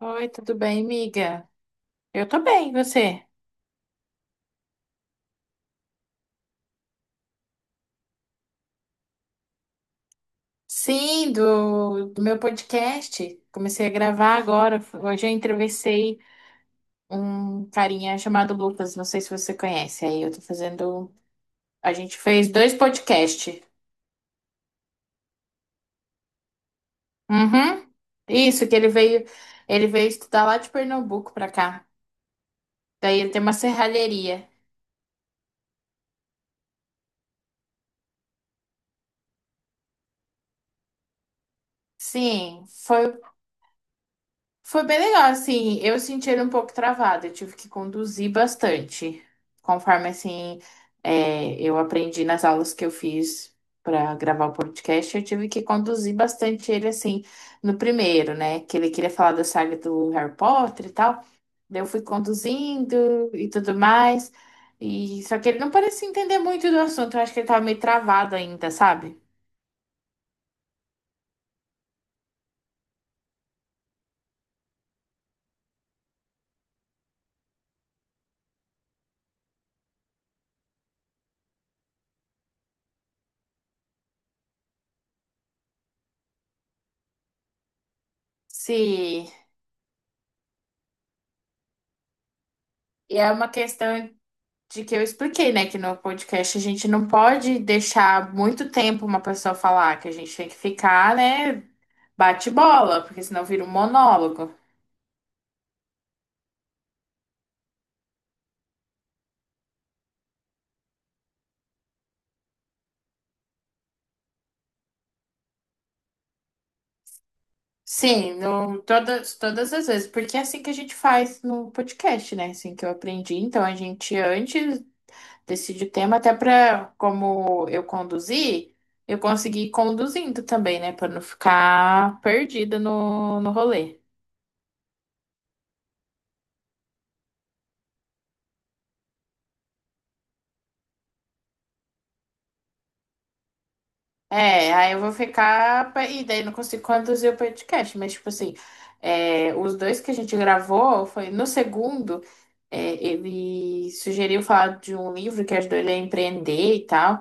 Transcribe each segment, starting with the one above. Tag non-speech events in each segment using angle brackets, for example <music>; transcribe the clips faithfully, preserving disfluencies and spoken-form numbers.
Oi, tudo bem, amiga? Eu tô bem, e você? Sim, do, do meu podcast. Comecei a gravar agora. Hoje eu entrevistei um carinha chamado Lucas, não sei se você conhece. Aí eu tô fazendo. A gente fez dois podcasts. Uhum. Isso, que ele veio, ele veio estudar lá de Pernambuco pra cá. Daí ele tem uma serralheria. Sim, foi Foi bem legal, assim, eu senti ele um pouco travado, eu tive que conduzir bastante, conforme, assim, é, eu aprendi nas aulas que eu fiz para gravar o podcast, eu tive que conduzir bastante ele, assim, no primeiro, né, que ele queria falar da saga do Harry Potter e tal, daí eu fui conduzindo e tudo mais, e só que ele não parecia entender muito do assunto, eu acho que ele tava meio travado ainda, sabe? Se... E é uma questão de que eu expliquei, né, que no podcast a gente não pode deixar muito tempo uma pessoa falar, que a gente tem que ficar, né, bate bola, porque senão vira um monólogo. Sim, no, todas, todas as vezes, porque é assim que a gente faz no podcast, né? É assim que eu aprendi. Então a gente antes decide o tema, até para como eu conduzir, eu consegui ir conduzindo também, né? Para não ficar perdida no, no rolê. É, aí eu vou ficar pra- e daí não consigo conduzir o podcast, mas, tipo assim, é, os dois que a gente gravou foi no segundo, é, ele sugeriu falar de um livro que ajudou ele a empreender e tal.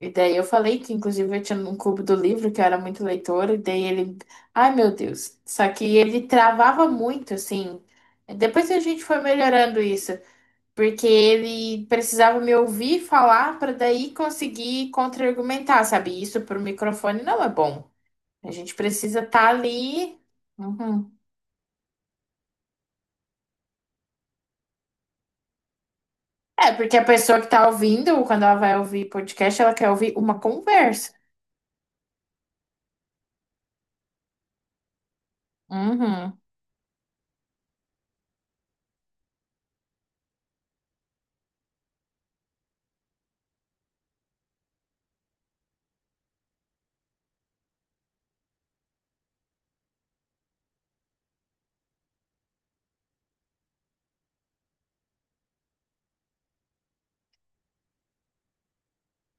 E daí eu falei que, inclusive, eu tinha um clube do livro, que eu era muito leitora, e daí ele. Ai, meu Deus! Só que ele travava muito, assim. Depois a gente foi melhorando isso. Porque ele precisava me ouvir falar para daí conseguir contra-argumentar, sabe? Isso para o microfone não é bom. A gente precisa estar ali. Uhum. É, porque a pessoa que está ouvindo, quando ela vai ouvir podcast, ela quer ouvir uma conversa. Uhum.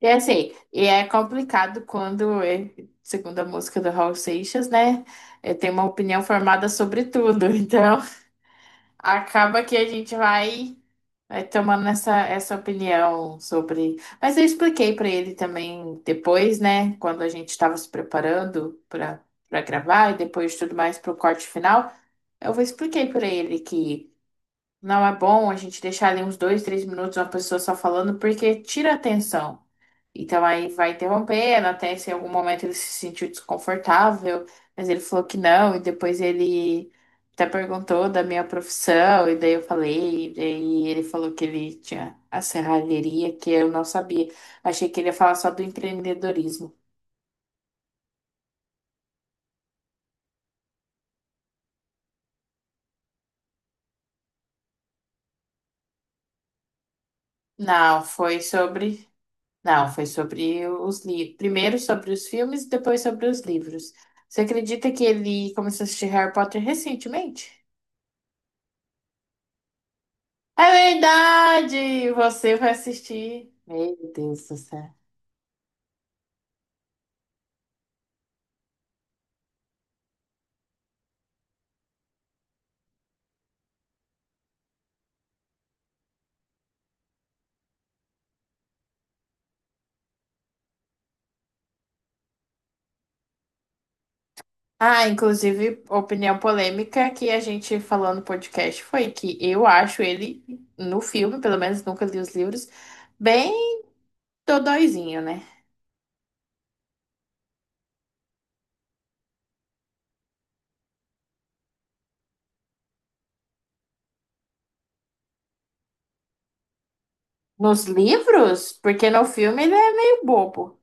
E assim, e é complicado quando, é, segundo a música do Raul Seixas, né? Eu tenho uma opinião formada sobre tudo. Então, <laughs> acaba que a gente vai. Vai tomando essa, essa opinião sobre. Mas eu expliquei para ele também depois, né? Quando a gente estava se preparando para para gravar e depois de tudo mais para o corte final, eu expliquei para ele que não é bom a gente deixar ali uns dois, três minutos uma pessoa só falando, porque tira a atenção. Então aí vai interrompendo, até se em algum momento ele se sentiu desconfortável, mas ele falou que não, e depois ele até perguntou da minha profissão, e daí eu falei, e daí ele falou que ele tinha a serralheria, que eu não sabia. Achei que ele ia falar só do empreendedorismo. Não, foi sobre Não, foi sobre os livros. Primeiro sobre os filmes e depois sobre os livros. Você acredita que ele começou a assistir Harry Potter recentemente? É verdade! Você vai assistir. Meu Deus do céu. Ah, inclusive, opinião polêmica que a gente falou no podcast foi que eu acho ele, no filme, pelo menos nunca li os livros, bem dodóizinho, né? Nos livros, porque no filme ele é meio bobo.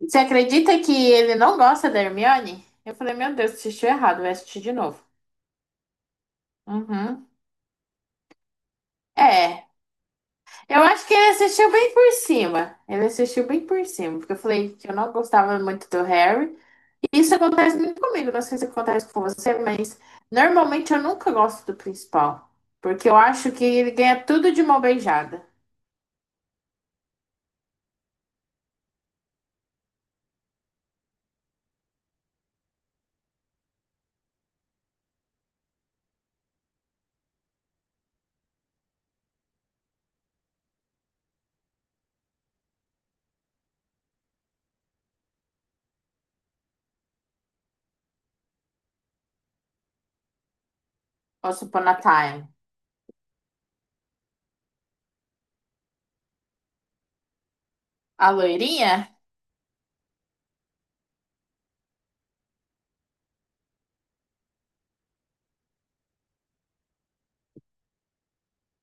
Você acredita que ele não gosta da Hermione? Eu falei, meu Deus, assistiu errado, vai assistir de novo. Uhum. É, eu acho que ele assistiu bem por cima. Ele assistiu bem por cima, porque eu falei que eu não gostava muito do Harry. E isso acontece muito comigo, não sei se acontece com você, mas normalmente eu nunca gosto do principal, porque eu acho que ele ganha tudo de mão beijada. Once upon a time. A loirinha?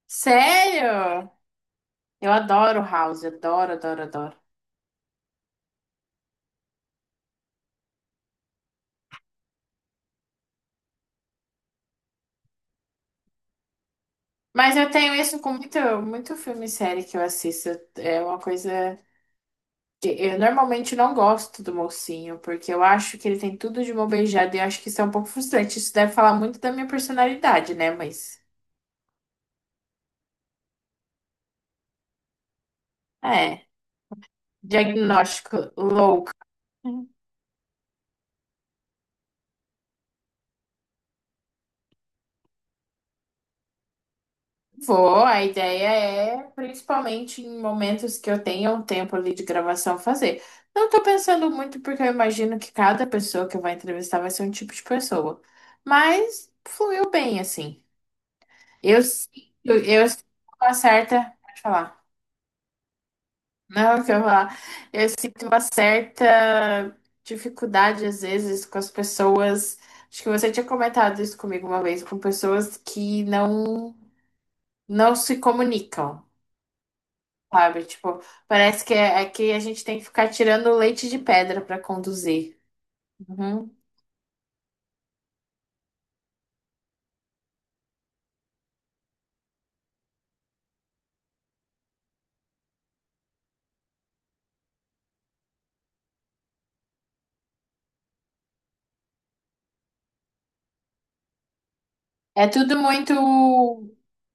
Sério? Eu adoro o House, adoro, adoro, adoro. Mas eu tenho isso com muito, muito filme e série que eu assisto. É uma coisa que eu normalmente não gosto do mocinho, porque eu acho que ele tem tudo de mão beijada e eu acho que isso é um pouco frustrante. Isso deve falar muito da minha personalidade, né? Mas é, diagnóstico louco. Vou, a ideia é, principalmente em momentos que eu tenha um tempo ali de gravação, fazer. Não tô pensando muito, porque eu imagino que cada pessoa que eu vou entrevistar vai ser um tipo de pessoa. Mas fluiu bem, assim. Eu sinto, eu sinto uma certa. Pode falar. Não, que eu vou falar. Eu sinto uma certa dificuldade, às vezes, com as pessoas. Acho que você tinha comentado isso comigo uma vez, com pessoas que não, não se comunicam, sabe? Tipo, parece que é, é que a gente tem que ficar tirando leite de pedra para conduzir. Uhum. É tudo muito.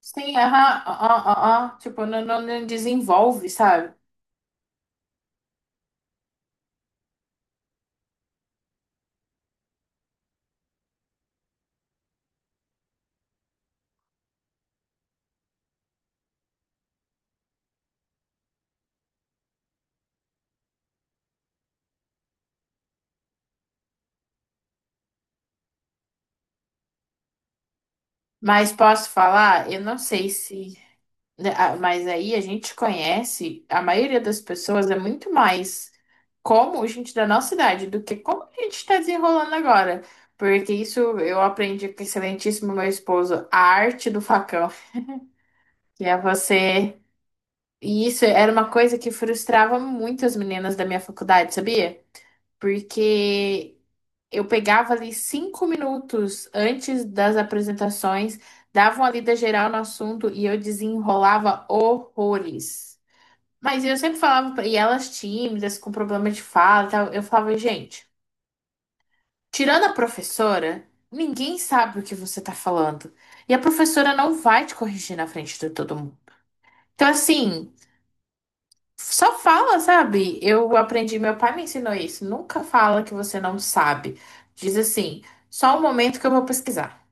Sim, aham, ó, ó, ó, ó. Tipo, não, não não desenvolve, sabe? Mas posso falar? Eu não sei se. Né, ah, mas aí a gente conhece, a maioria das pessoas é muito mais como gente da nossa idade do que como a gente está desenrolando agora. Porque isso eu aprendi com o excelentíssimo meu esposo, a arte do facão, que é você. E isso era uma coisa que frustrava muito as meninas da minha faculdade, sabia? Porque eu pegava ali cinco minutos antes das apresentações, dava uma lida geral no assunto e eu desenrolava horrores. Mas eu sempre falava, pra- e elas tímidas, com problema de fala e tal, eu falava, gente, tirando a professora, ninguém sabe o que você tá falando. E a professora não vai te corrigir na frente de todo mundo. Então, assim, só fala, sabe? Eu aprendi, meu pai me ensinou isso. Nunca fala que você não sabe. Diz assim, só um momento que eu vou pesquisar.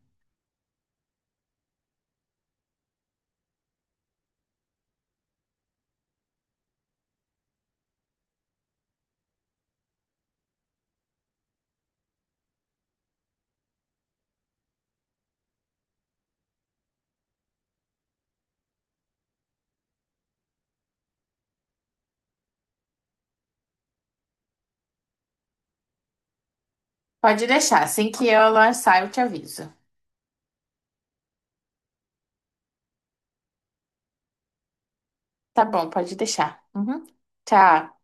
Pode deixar, assim que ela sair, eu te aviso. Tá bom, pode deixar. Uhum. Tchau.